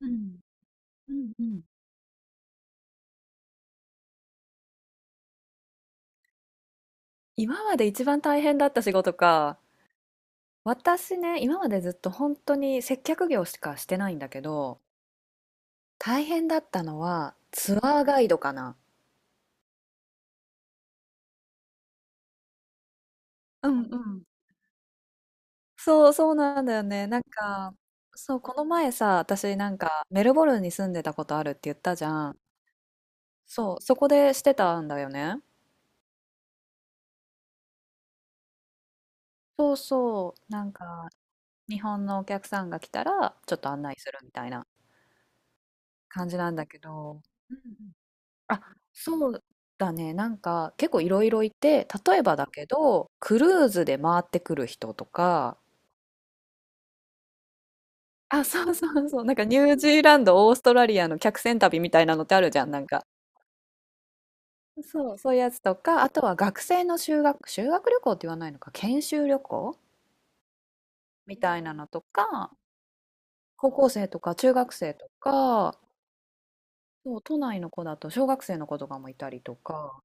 うん、うんうん。今まで一番大変だった仕事か。私ね、今までずっと本当に接客業しかしてないんだけど、大変だったのはツアーガイドかな。うんうん。そうそうなんだよね。なんか、そう、この前さ、私なんかメルボルンに住んでたことあるって言ったじゃん。そう、そこでしてたんだよね。そうそう、なんか日本のお客さんが来たらちょっと案内するみたいな感じなんだけど。うんうん、あ、そうだね。なんか結構いろいろいて、例えばだけど、クルーズで回ってくる人とか、あ、そうそうそう。なんかニュージーランド、オーストラリアの客船旅みたいなのってあるじゃん、なんか。そう、そういうやつとか、あとは学生の修学旅行って言わないのか、研修旅行みたいなのとか、高校生とか中学生とか、そう、都内の子だと小学生の子とかもいたりとか、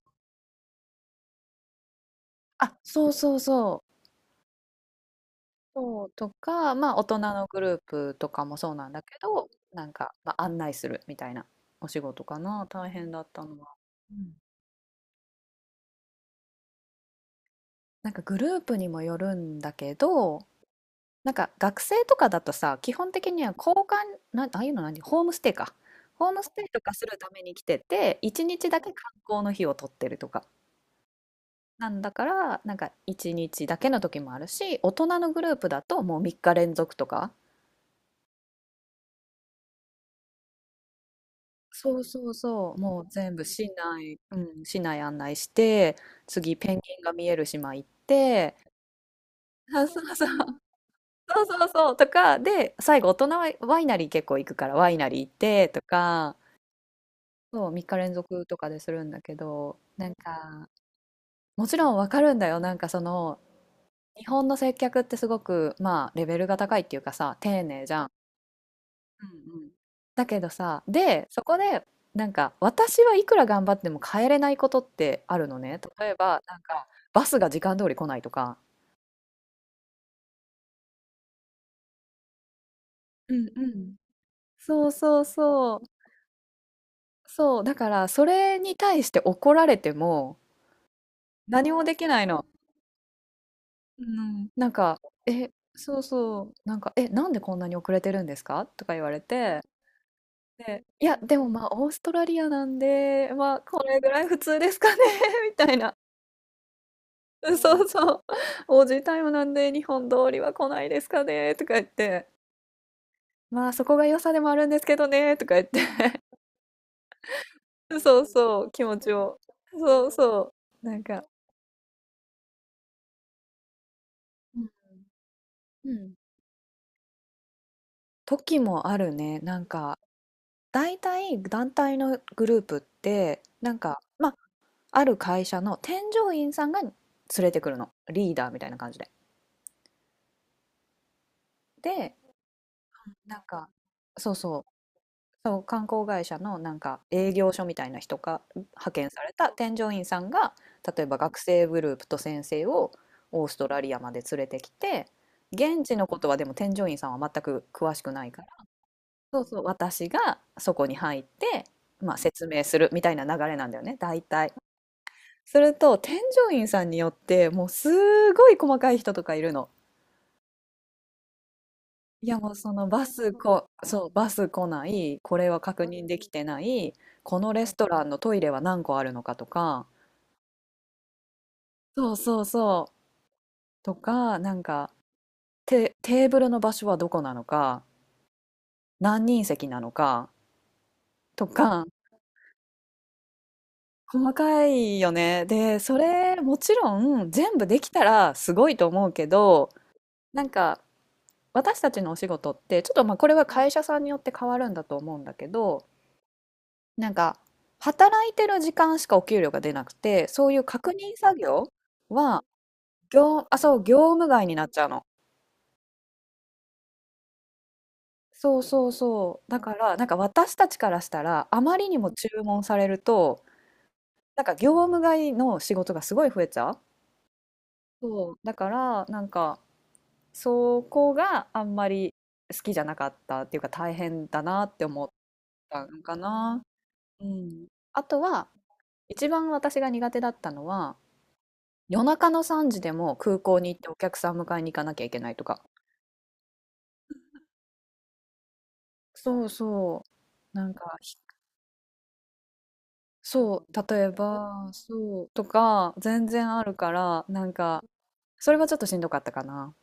あ、そうそうそう。そう、とか、まあ、大人のグループとかもそうなんだけど、なんか、まあ、案内するみたいなお仕事かな、大変だったのは。うん、なんかグループにもよるんだけど、なんか学生とかだとさ、基本的には交換、な、ああいうの何、ホームステイか。ホームステイとかするために来てて、一日だけ観光の日を取ってるとか。なんだから、なんか一日だけの時もあるし、大人のグループだともう3日連続とか。そうそうそう、もう全部市内、うん、市内案内して、次ペンギンが見える島行って、あ、そうそう、そうそうそう、とか、で、最後大人はワイナリー結構行くからワイナリー行ってとか、そう、3日連続とかでするんだけど、なんか、もちろんわかるんだよ、なんかその、日本の接客ってすごく、まあ、レベルが高いっていうかさ、丁寧じゃん。うんうん。だけどさ、で、そこで、なんか、私はいくら頑張っても変えれないことってあるのね。例えば、なんか、バスが時間通り来ないとか。うんうん。そうそうそう。そう、だから、それに対して怒られても、何もできないの。うん。なんか、え、そうそう、なんか、え、なんでこんなに遅れてるんですかとか言われて、で、いや、でもまあ、オーストラリアなんで、まあ、これぐらい普通ですかね みたいな。うんそうそう。おじいタイムなんで日本通りは来ないですかねとか言って、まあそこが良さでもあるんですけどねとか言って、そうそう、気持ちを。そうそう。なんか、うん。時もあるね。なんか、大体団体のグループって、なんか、まあ、ある会社の添乗員さんが連れてくるの。リーダーみたいな感じで。で、なんか、そうそう。そう、観光会社のなんか営業所みたいな人が派遣された添乗員さんが、例えば学生グループと先生をオーストラリアまで連れてきて、現地のことはでも添乗員さんは全く詳しくないから、そうそう、私がそこに入って、まあ、説明するみたいな流れなんだよね、大体。すると添乗員さんによってもうすごい細かい人とかいるの。いやもうそのバスこ、そう、バス来ない、これは確認できてない、このレストランのトイレは何個あるのかとか、そうそうそう、とか、なんか、テーブルの場所はどこなのか、何人席なのか、とか、細かいよね。で、それもちろん全部できたらすごいと思うけど、なんか私たちのお仕事ってちょっとまあこれは会社さんによって変わるんだと思うんだけど、なんか、働いてる時間しかお給料が出なくて、そういう確認作業は、業、あ、そう、業務外になっちゃうの。そうそうそう。だから、なんか私たちからしたら、あまりにも注文されると、なんか業務外の仕事がすごい増えちゃう。そう。だから、なんか、そこがあんまり好きじゃなかったっていうか、大変だなって思ったのかな。うん。あとは、一番私が苦手だったのは、夜中の3時でも空港に行ってお客さん迎えに行かなきゃいけないとか。そうそう。なんか、そう、例えば、そう、とか、全然あるから、なんか、それはちょっとしんどかったかな。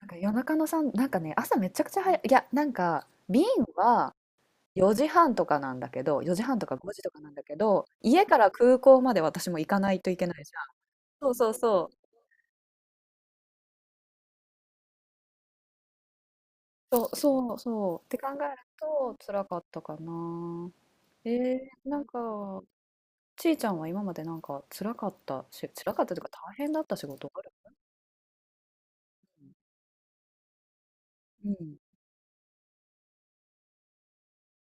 なんか夜中の3、なんかね、朝めちゃくちゃ早い、いや、なんか、便は4時半とかなんだけど、4時半とか5時とかなんだけど、家から空港まで私も行かないといけないじゃん。そうそうそう。そうそうそう。って考えると、辛かったかな。なんか、ちいちゃんは今までなんか辛かったし辛かったというか大変だった仕事ある？うん。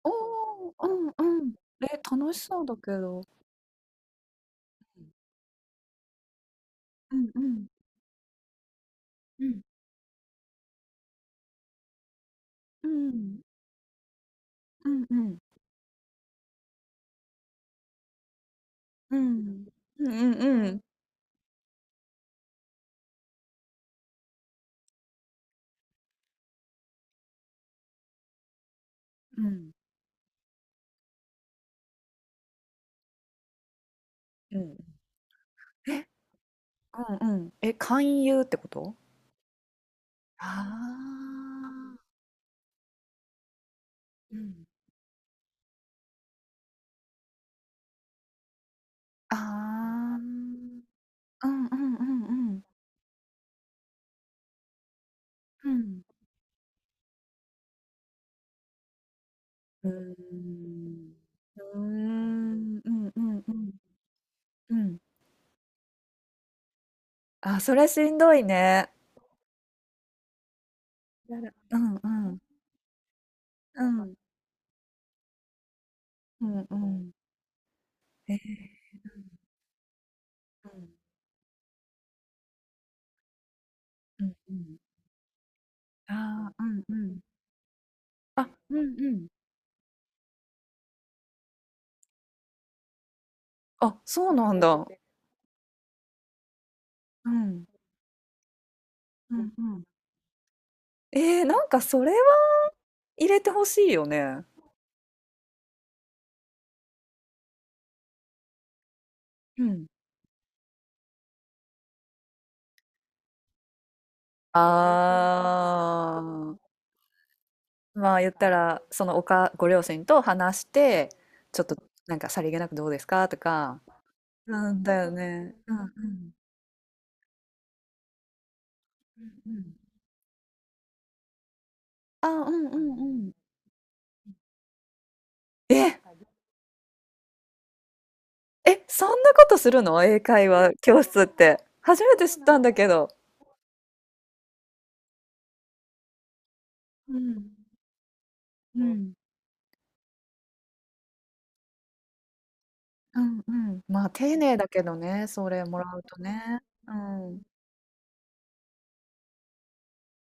おお、うんうん。え、楽しそうだけど。うんうんうんうんうんうん。うんうんうん。うん。うん。え、うんうん。え、勧誘ってこと？ああ。うん。ああ。うんうんうんうん。うん。うーん。うーん、うんうんうん。うんうんうーんうんうんうんうんうん、あ、それしんどいね。なるうんうん。うん。うんうん。ええ。うんうんうん。ああ、うんうん。あうんうん。あ、そうなんだ。うん。うんうん。えー、なんかそれは入れてほしいよね。うん。あー、まあ言ったら、そのおかご両親と話して、ちょっとなんかさりげなくどうですかとか。うん、だよね。うんうん。うんうん。あ、うんうんうん。え！え、そんなことするの？英会話教室って。初めて知ったんだけど。うん。うんうんうん。まあ、丁寧だけどね、それもらうとね。うん。うん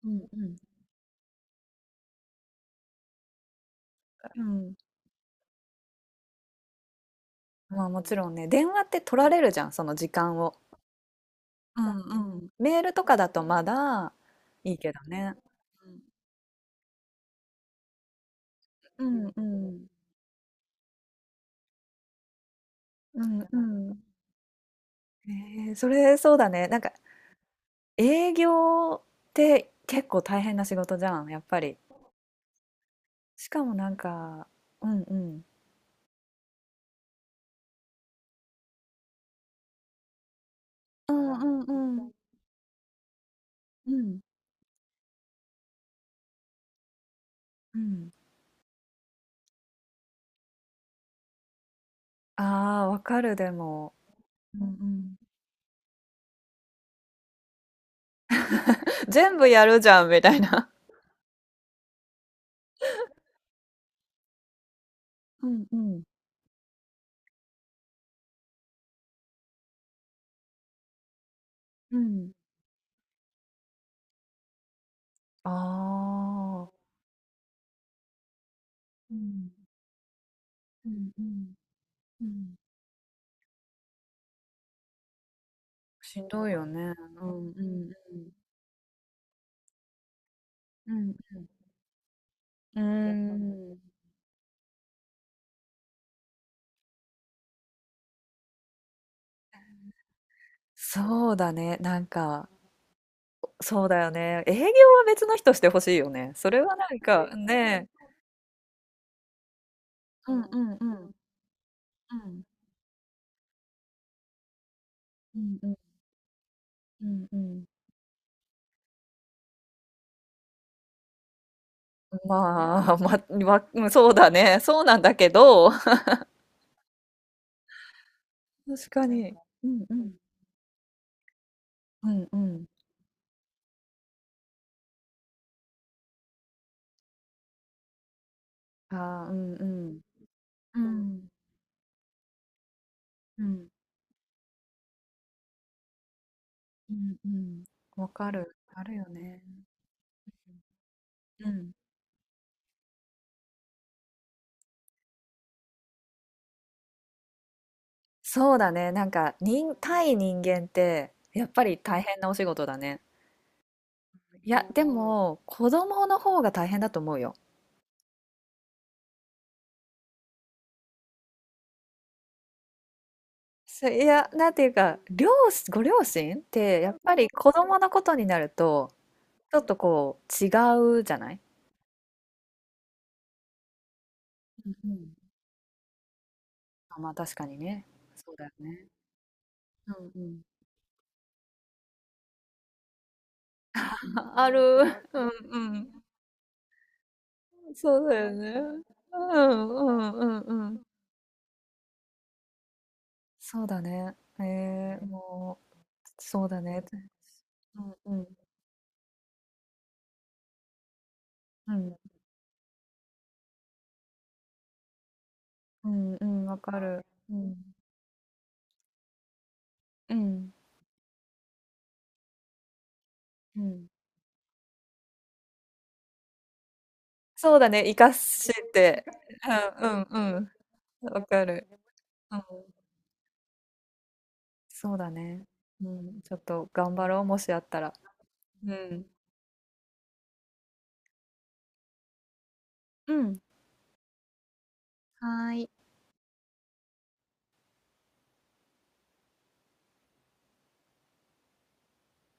うん。うん。まあ、もちろんね、電話って取られるじゃん、その時間を。うんうん。メールとかだとまだいいけどね。うん。うんうん。うん、ええ、それそうだね。なんか営業って結構大変な仕事じゃん、やっぱり。しかもなんか、うんうん。うんうんうん。うんうん。ああ、わかる、でも。うんうん。全部やるじゃんみたいな。うんうんうん。ああ。うんうんうんうん。しんどいよね。うんうんうん。うん。うん。そうだね。なんか、そうだよね。営業は別の人してほしいよね。それはなんかね。ね、うんうんうん。うん。うんうんうんうん。まあ、ま、わうん、そうだね。そうなんだけど、確かに。うんうん。うんうん。ああ、うんうん。うん。うん。うんうん。わかる。あるよね。うん。そうだね。なんか、人、対人間って、やっぱり大変なお仕事だね。いや、でも、子供の方が大変だと思うよ。そういや、なんていうか、両親、ご両親って、やっぱり子供のことになると、ちょっとこう、違うじゃない、あ、まあ確かにね。そうだよね。うんうん。あある。うんうん。そうだよね。うんうんうんうん。そうだね。ええ、もう、そうだね。うんうんうん。うんうん、わかる。うん。うん。うん。そうだね、生かして。うんうんうん。わかる。うん。そうだね。うん、ちょっと頑張ろう、もしあったら。うん。うん。はーい。